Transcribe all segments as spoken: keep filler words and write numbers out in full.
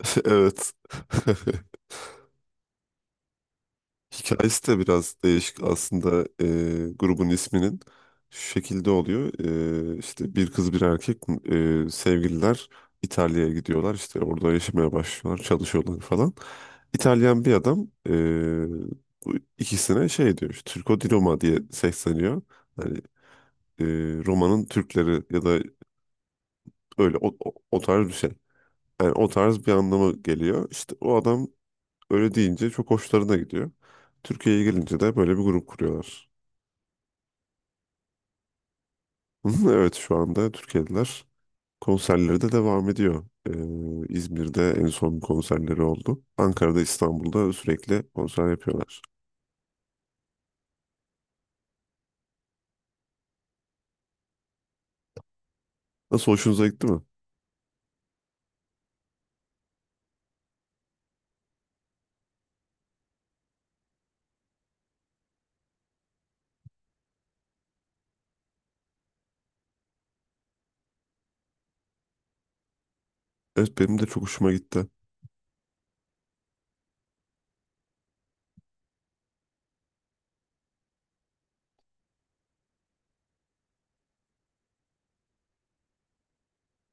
Evet. Hikayesi de biraz değişik aslında e, grubun isminin şu şekilde oluyor. E, işte bir kız bir erkek e, sevgililer İtalya'ya gidiyorlar, işte orada yaşamaya başlıyorlar, çalışıyorlar falan. İtalyan bir adam e, bu ikisine şey diyor, işte Turco di Roma diye sesleniyor. Yani e, Roma'nın Türkleri ya da öyle o, o, o tarz bir şey. Yani o tarz bir anlama geliyor. İşte o adam öyle deyince çok hoşlarına gidiyor. Türkiye'ye gelince de böyle bir grup kuruyorlar. Evet, şu anda Türkiye'liler, konserleri de devam ediyor. Ee, İzmir'de en son konserleri oldu. Ankara'da, İstanbul'da sürekli konser yapıyorlar. Nasıl, hoşunuza gitti mi? Evet, benim de çok hoşuma gitti.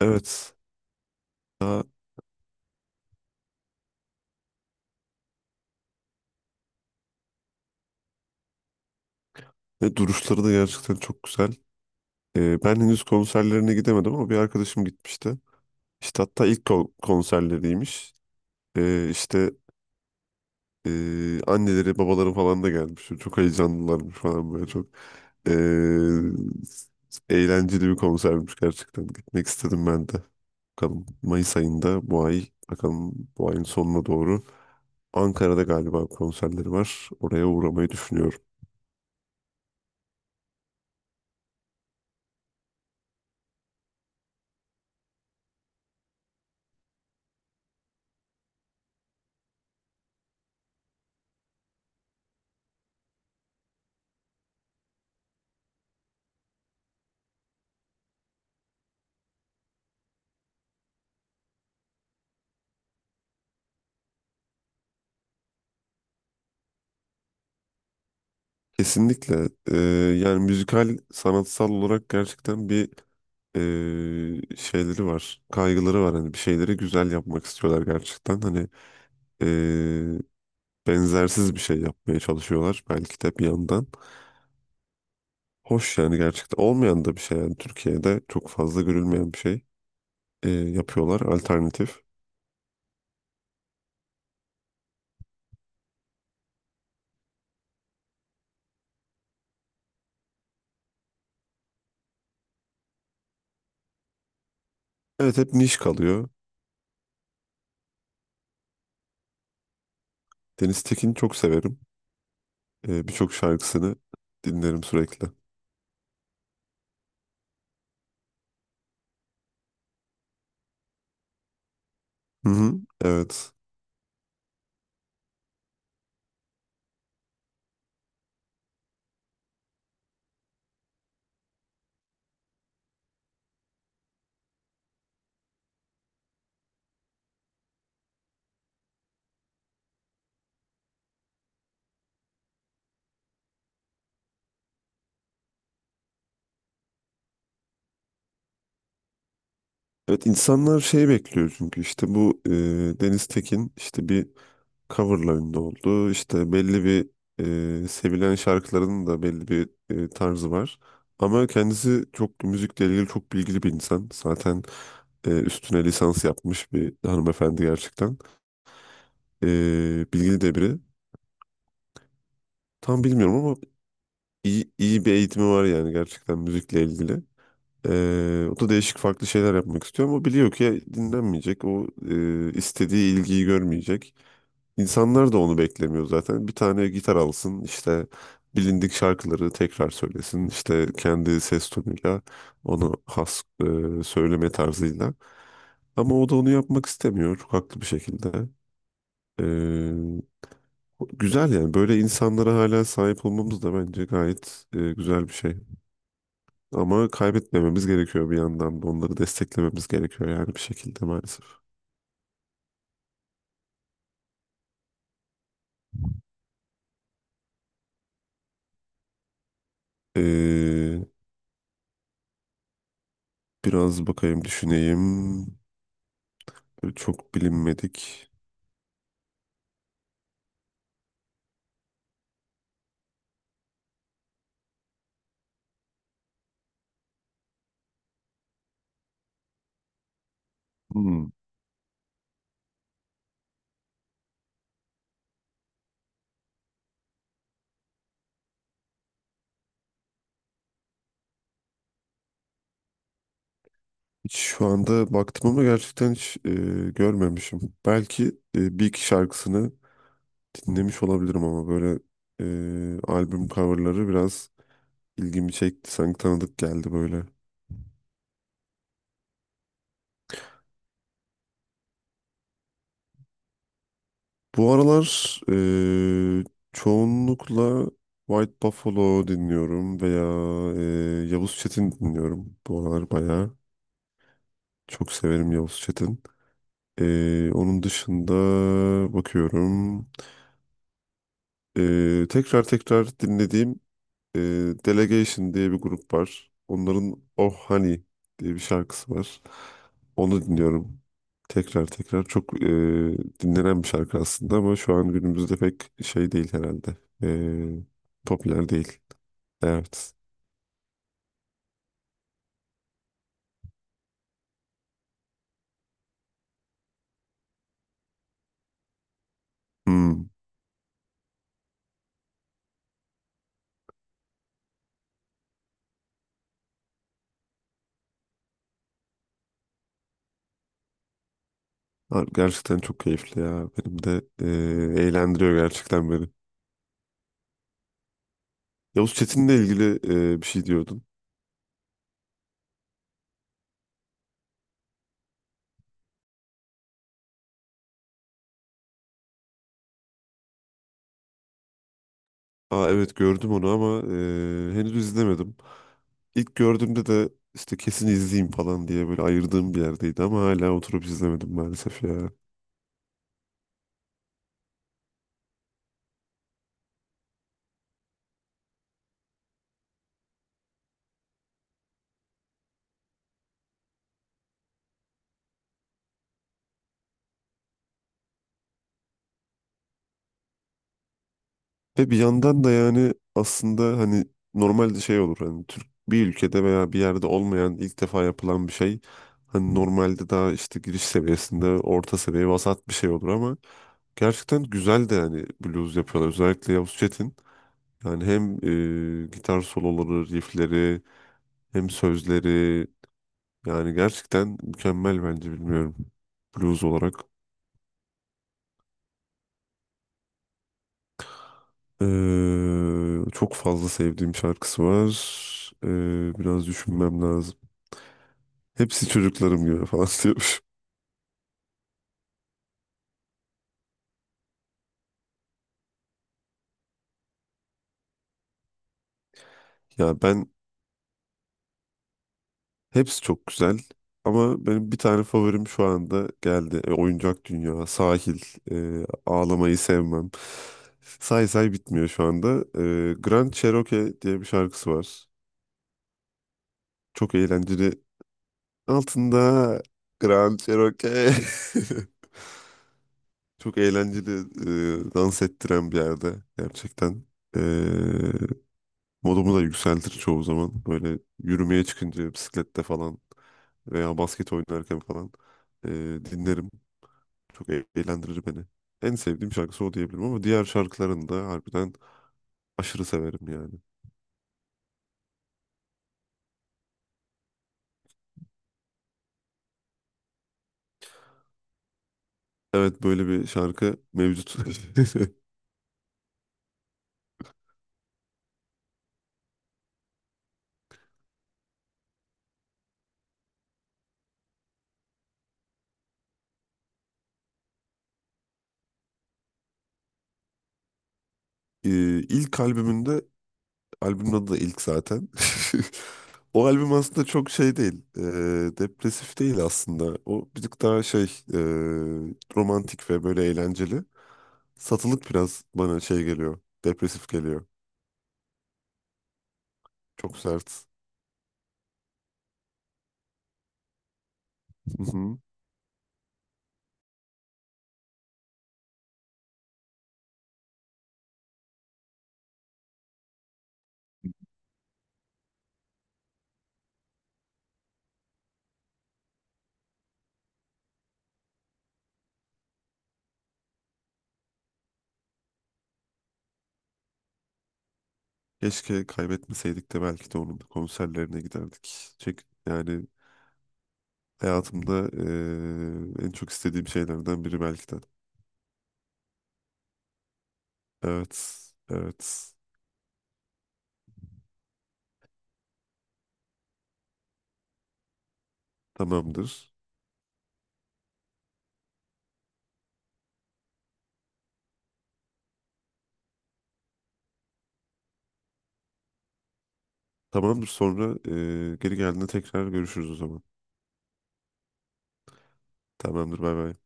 Evet, daha, ve duruşları da gerçekten çok güzel. Ee, ben henüz konserlerine gidemedim ama bir arkadaşım gitmişti. İşte hatta ilk ko- konserleriymiş. Ee, işte Ee, anneleri babaları falan da gelmiş. Çok heyecanlılarmış falan böyle çok. Ee, eğlenceli bir konsermiş gerçekten. Gitmek istedim ben de. Bakalım Mayıs ayında, bu ay bakalım, bu ayın sonuna doğru Ankara'da galiba konserleri var. Oraya uğramayı düşünüyorum. Kesinlikle ee, yani müzikal sanatsal olarak gerçekten bir eee, şeyleri var. Kaygıları var, hani bir şeyleri güzel yapmak istiyorlar gerçekten. Hani benzersiz bir şey yapmaya çalışıyorlar belki de bir yandan. Hoş yani, gerçekten olmayan da bir şey, yani Türkiye'de çok fazla görülmeyen bir şey e, yapıyorlar, alternatif. Evet, hep niş kalıyor. Deniz Tekin'i çok severim. E, birçok şarkısını dinlerim sürekli. Hı hı, evet. Evet, insanlar şey bekliyor çünkü işte bu e, Deniz Tekin işte bir coverla ünlü oldu. İşte belli bir e, sevilen şarkıların da belli bir e, tarzı var. Ama kendisi çok müzikle ilgili, çok bilgili bir insan. Zaten e, üstüne lisans yapmış bir hanımefendi gerçekten. E, bilgili de biri. Tam bilmiyorum ama iyi, iyi bir eğitimi var yani, gerçekten müzikle ilgili. E, o da değişik farklı şeyler yapmak istiyor ama biliyor ki dinlenmeyecek. O e, istediği ilgiyi görmeyecek. İnsanlar da onu beklemiyor zaten. Bir tane gitar alsın, işte bilindik şarkıları tekrar söylesin, işte kendi ses tonuyla, onu has e, söyleme tarzıyla. Ama o da onu yapmak istemiyor, haklı bir şekilde. E, güzel yani, böyle insanlara hala sahip olmamız da bence gayet e, güzel bir şey. Ama kaybetmememiz gerekiyor, bir yandan da onları desteklememiz gerekiyor yani bir şekilde, maalesef. E, Biraz bakayım, düşüneyim. Çok bilinmedik. Hmm. Hiç, şu anda baktım ama gerçekten hiç e, görmemişim. Belki e, bir iki şarkısını dinlemiş olabilirim ama böyle e, albüm coverları biraz ilgimi çekti. Sanki tanıdık geldi böyle. Bu aralar e, çoğunlukla White Buffalo dinliyorum veya e, Yavuz Çetin dinliyorum. Bu aralar bayağı çok severim Yavuz Çetin. E, onun dışında bakıyorum. E, tekrar tekrar dinlediğim e, Delegation diye bir grup var. Onların Oh Honey diye bir şarkısı var. Onu dinliyorum. Tekrar tekrar çok e, dinlenen bir şarkı aslında ama şu an günümüzde pek şey değil herhalde. E, popüler değil. Evet. Hmm. Ha, gerçekten çok keyifli ya. Benim de e, eğlendiriyor gerçekten beni. Yavuz Çetin'le ilgili e, bir şey diyordun. Aa, evet gördüm onu ama e, henüz izlemedim. İlk gördüğümde de işte kesin izleyeyim falan diye böyle ayırdığım bir yerdeydi ama hala oturup izlemedim maalesef ya. Ve bir yandan da yani aslında hani normalde şey olur, hani Türk, bir ülkede veya bir yerde olmayan ilk defa yapılan bir şey hani normalde daha işte giriş seviyesinde, orta seviye, vasat bir şey olur ama gerçekten güzel de, yani blues yapıyorlar özellikle Yavuz Çetin. Yani hem e, gitar soloları, riffleri, hem sözleri, yani gerçekten mükemmel bence, bilmiyorum, blues olarak. Ee, çok fazla sevdiğim şarkısı var. Ee, biraz düşünmem lazım. Hepsi çocuklarım gibi falan diyor. Ya ben, hepsi çok güzel ama benim bir tane favorim şu anda geldi. E, Oyuncak Dünya, Sahil, e, Ağlamayı Sevmem. Say say bitmiyor şu anda. E, Grand Cherokee diye bir şarkısı var. Çok eğlenceli. Altında Grand Cherokee. Çok eğlenceli, e, dans ettiren bir yerde gerçekten. E, Modumu da yükseltir çoğu zaman. Böyle yürümeye çıkınca, bisiklette falan veya basket oynarken falan e, dinlerim. Çok e- eğlendirir beni. En sevdiğim şarkısı o diyebilirim ama diğer şarkılarını da harbiden aşırı severim yani. Evet, böyle bir şarkı mevcut. E, ilk albümünde, albümün adı da ilk zaten. O albüm aslında çok şey değil, e, depresif değil aslında. O birazcık daha şey, e, romantik ve böyle eğlenceli. Satılık biraz bana şey geliyor. Depresif geliyor. Çok sert. Hı hı. Keşke kaybetmeseydik de belki de onun konserlerine giderdik. Çek, yani hayatımda e, en çok istediğim şeylerden biri belki de. Evet. Evet. Tamamdır. Tamamdır, sonra e, geri geldiğinde tekrar görüşürüz o zaman. Tamamdır, bay bay.